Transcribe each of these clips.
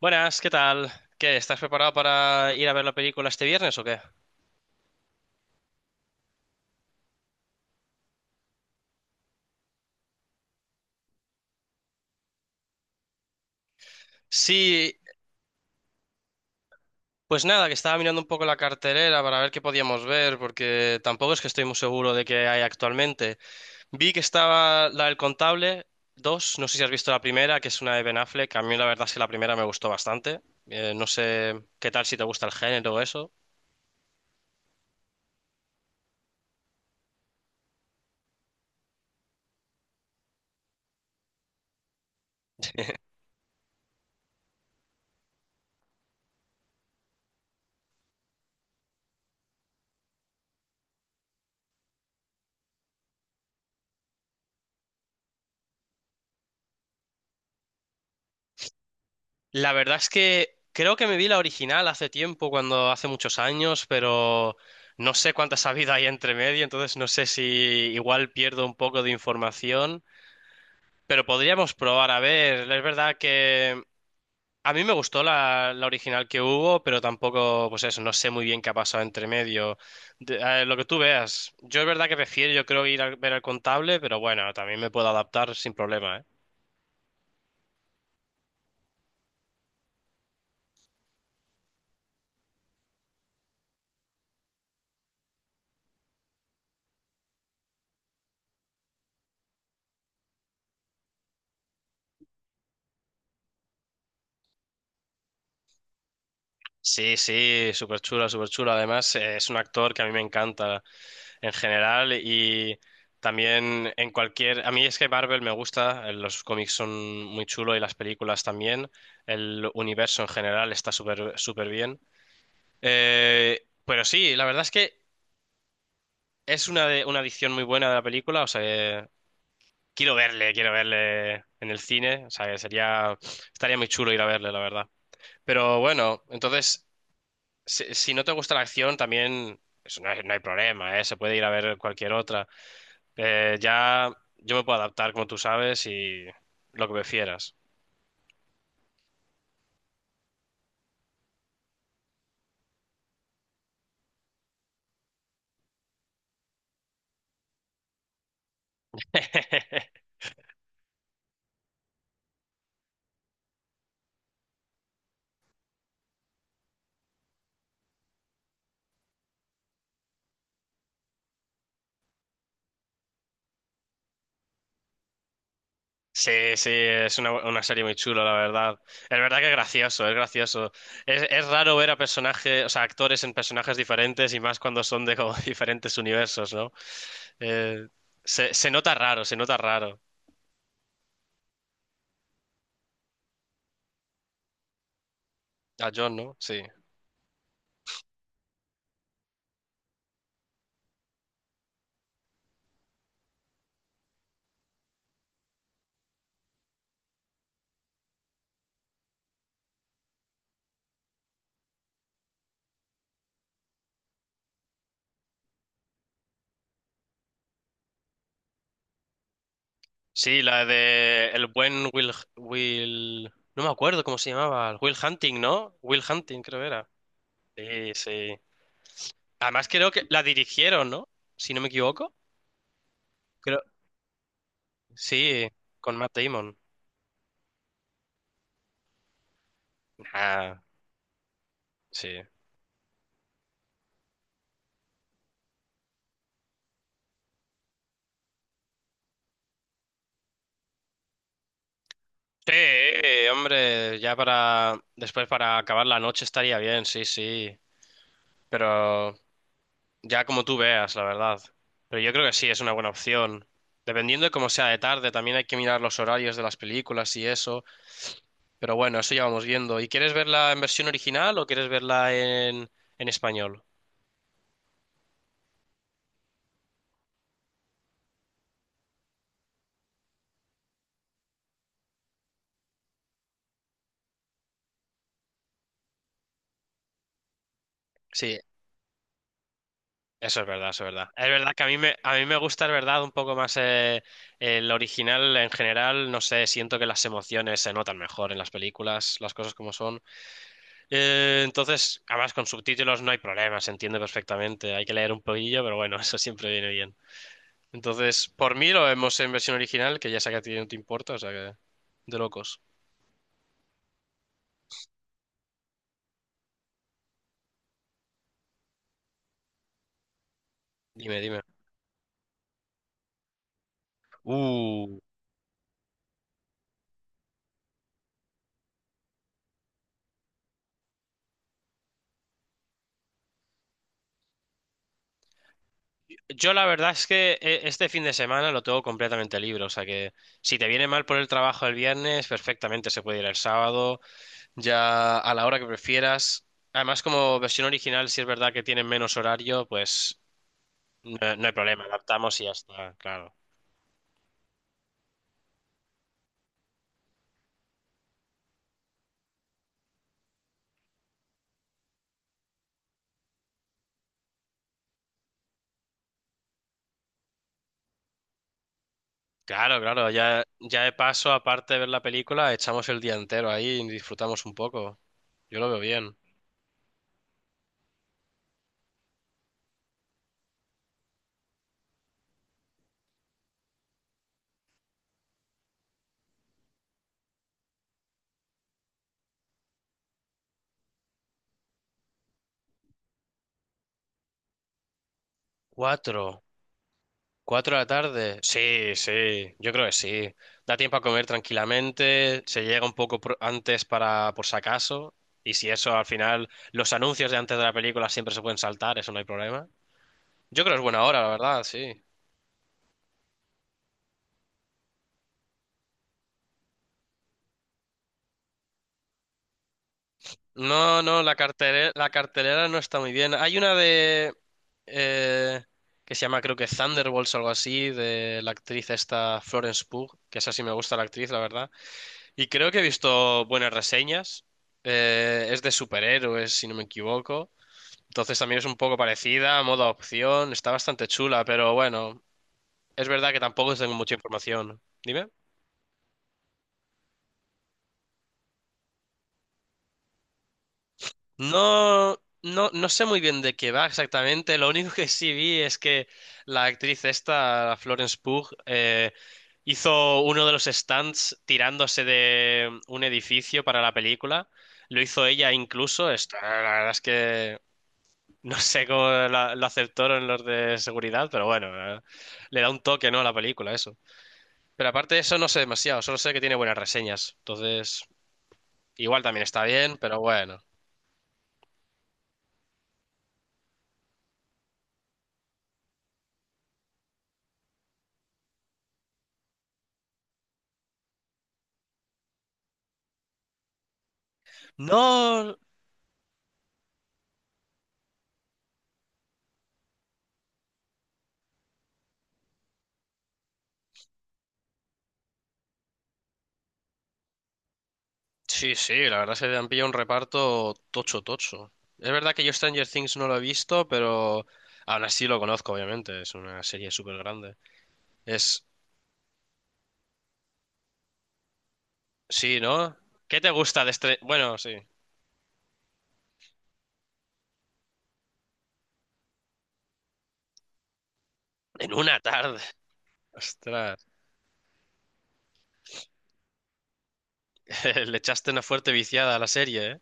Buenas, ¿qué tal? ¿Qué? ¿Estás preparado para ir a ver la película este viernes o qué? Sí, pues nada, que estaba mirando un poco la cartelera para ver qué podíamos ver, porque tampoco es que estoy muy seguro de qué hay actualmente. Vi que estaba la del Contable 2, no sé si has visto la primera, que es una de Ben Affleck, a mí la verdad es que la primera me gustó bastante. No sé qué tal si te gusta el género o eso. La verdad es que creo que me vi la original hace tiempo, cuando hace muchos años, pero no sé cuántas ha habido ahí entre medio, entonces no sé si igual pierdo un poco de información, pero podríamos probar a ver. Es verdad que a mí me gustó la original que hubo, pero tampoco, pues eso, no sé muy bien qué ha pasado entre medio. Lo que tú veas, yo es verdad que prefiero, yo creo ir a ver al contable, pero bueno, también me puedo adaptar sin problema, ¿eh? Sí, sí, súper chula, súper chula. Además, es un actor que a mí me encanta en general y también en cualquier... A mí es que Marvel me gusta, los cómics son muy chulos y las películas también, el universo en general está súper súper bien. Pero sí, la verdad es que es una edición muy buena de la película, o sea, quiero verle en el cine, o sea, que sería... Estaría muy chulo ir a verle, la verdad. Pero bueno, entonces, si no te gusta la acción, también... eso no hay problema, ¿eh? Se puede ir a ver cualquier otra. Ya yo me puedo adaptar, como tú sabes, y lo que prefieras. Sí, sí, es una serie muy chula, la verdad. Es verdad que es gracioso, es gracioso. Es raro ver a personajes, o sea, actores en personajes diferentes y más cuando son de como diferentes universos, ¿no? Eh, Se nota raro, se nota raro. A John, ¿no? Sí. Sí, la de el buen Will... No me acuerdo cómo se llamaba. Will Hunting, ¿no? Will Hunting, creo era. Sí, sí. Además, creo que la dirigieron, ¿no? Si no me equivoco. Creo. Sí, con Matt Damon. Ah, sí. Sí, hombre, ya para. Después para acabar la noche estaría bien, sí, sí. Pero ya como tú veas, la verdad. Pero yo creo que sí, es una buena opción. Dependiendo de cómo sea de tarde, también hay que mirar los horarios de las películas y eso. Pero bueno, eso ya vamos viendo. ¿Y quieres verla en versión original o quieres verla en español? Sí, eso es verdad, eso es verdad. Es verdad que a mí a mí me gusta, es verdad, un poco más el original en general. No sé, siento que las emociones se notan mejor en las películas, las cosas como son. Entonces, además con subtítulos no hay problema, se entiende perfectamente. Hay que leer un poquillo, pero bueno, eso siempre viene bien. Entonces, por mí lo vemos en versión original, que ya sé que a ti no te importa, o sea que de locos. Dime, dime. Uh. Yo la verdad es que este fin de semana lo tengo completamente libre, o sea que si te viene mal por el trabajo el viernes, perfectamente se puede ir el sábado, ya a la hora que prefieras. Además, como versión original, si es verdad que tienen menos horario, pues no hay problema, adaptamos y ya está, claro. Claro, claro, ya, ya de paso, aparte de ver la película, echamos el día entero ahí y disfrutamos un poco. Yo lo veo bien. Cuatro. ¿Cuatro de la tarde? Sí, sí, yo creo que sí. Da tiempo a comer tranquilamente, se llega un poco antes para por si acaso, y si eso al final, los anuncios de antes de la película siempre se pueden saltar, eso no hay problema. Yo creo que es buena hora, la verdad, sí. No, no, la cartelera no está muy bien. Hay una de... eh, que se llama creo que Thunderbolts o algo así, de la actriz esta Florence Pugh, que esa sí me gusta la actriz, la verdad. Y creo que he visto buenas reseñas. Es de superhéroes, si no me equivoco. Entonces también es un poco parecida, modo opción. Está bastante chula, pero bueno, es verdad que tampoco tengo mucha información. Dime. No, no, no sé muy bien de qué va exactamente. Lo único que sí vi es que la actriz esta, la Florence Pugh, hizo uno de los stunts tirándose de un edificio para la película. Lo hizo ella incluso. Está- la verdad es que no sé cómo lo aceptaron los de seguridad, pero bueno, eh, le da un toque, ¿no? a la película, eso. Pero aparte de eso, no sé demasiado, solo sé que tiene buenas reseñas. Entonces, igual también está bien, pero bueno. No. Sí, sí, la verdad se han pillado un reparto tocho, tocho. Es verdad que yo Stranger Things no lo he visto, pero aún así lo conozco, obviamente. Es una serie súper grande. Es. Sí, ¿no? ¿Qué te gusta de este...? Bueno, sí. En una tarde. Ostras, le echaste una fuerte viciada a la serie, ¿eh?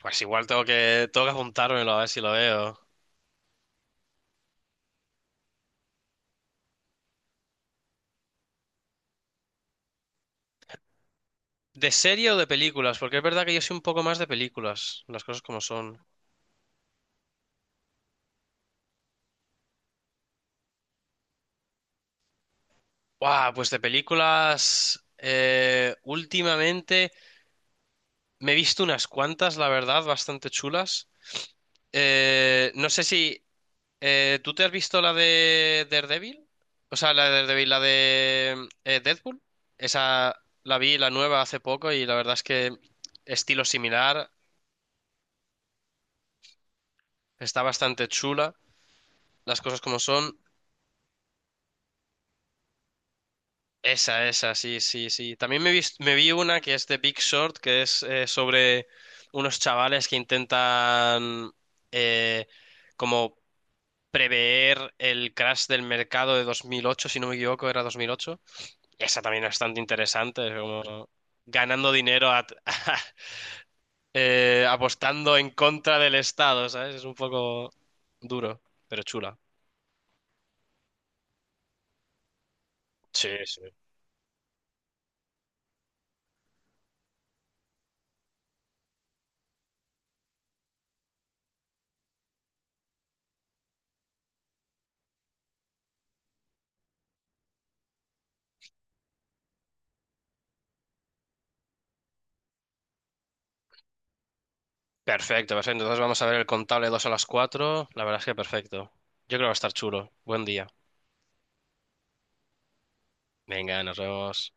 Pues igual tengo tengo que apuntármelo a ver si lo veo. ¿De serie o de películas? Porque es verdad que yo soy un poco más de películas, las cosas como son. ¡Guau! Pues de películas. Últimamente me he visto unas cuantas, la verdad, bastante chulas. No sé si. ¿Tú te has visto la de Daredevil? O sea, la de Daredevil, la de Deadpool. Esa la vi, la nueva, hace poco y la verdad es que estilo similar, está bastante chula, las cosas como son. Esa, sí, sí, sí. También me vi una que es de Big Short, que es sobre unos chavales que intentan eh, como prever el crash del mercado de 2008, si no me equivoco, era 2008. Esa también es bastante interesante, es como ganando dinero a- apostando en contra del Estado, ¿sabes? Es un poco duro, pero chula. Sí, sí. Perfecto, perfecto. Entonces vamos a ver el contable 2 a las 4. La verdad es que perfecto. Yo creo que va a estar chulo. Buen día. Venga, nos vemos.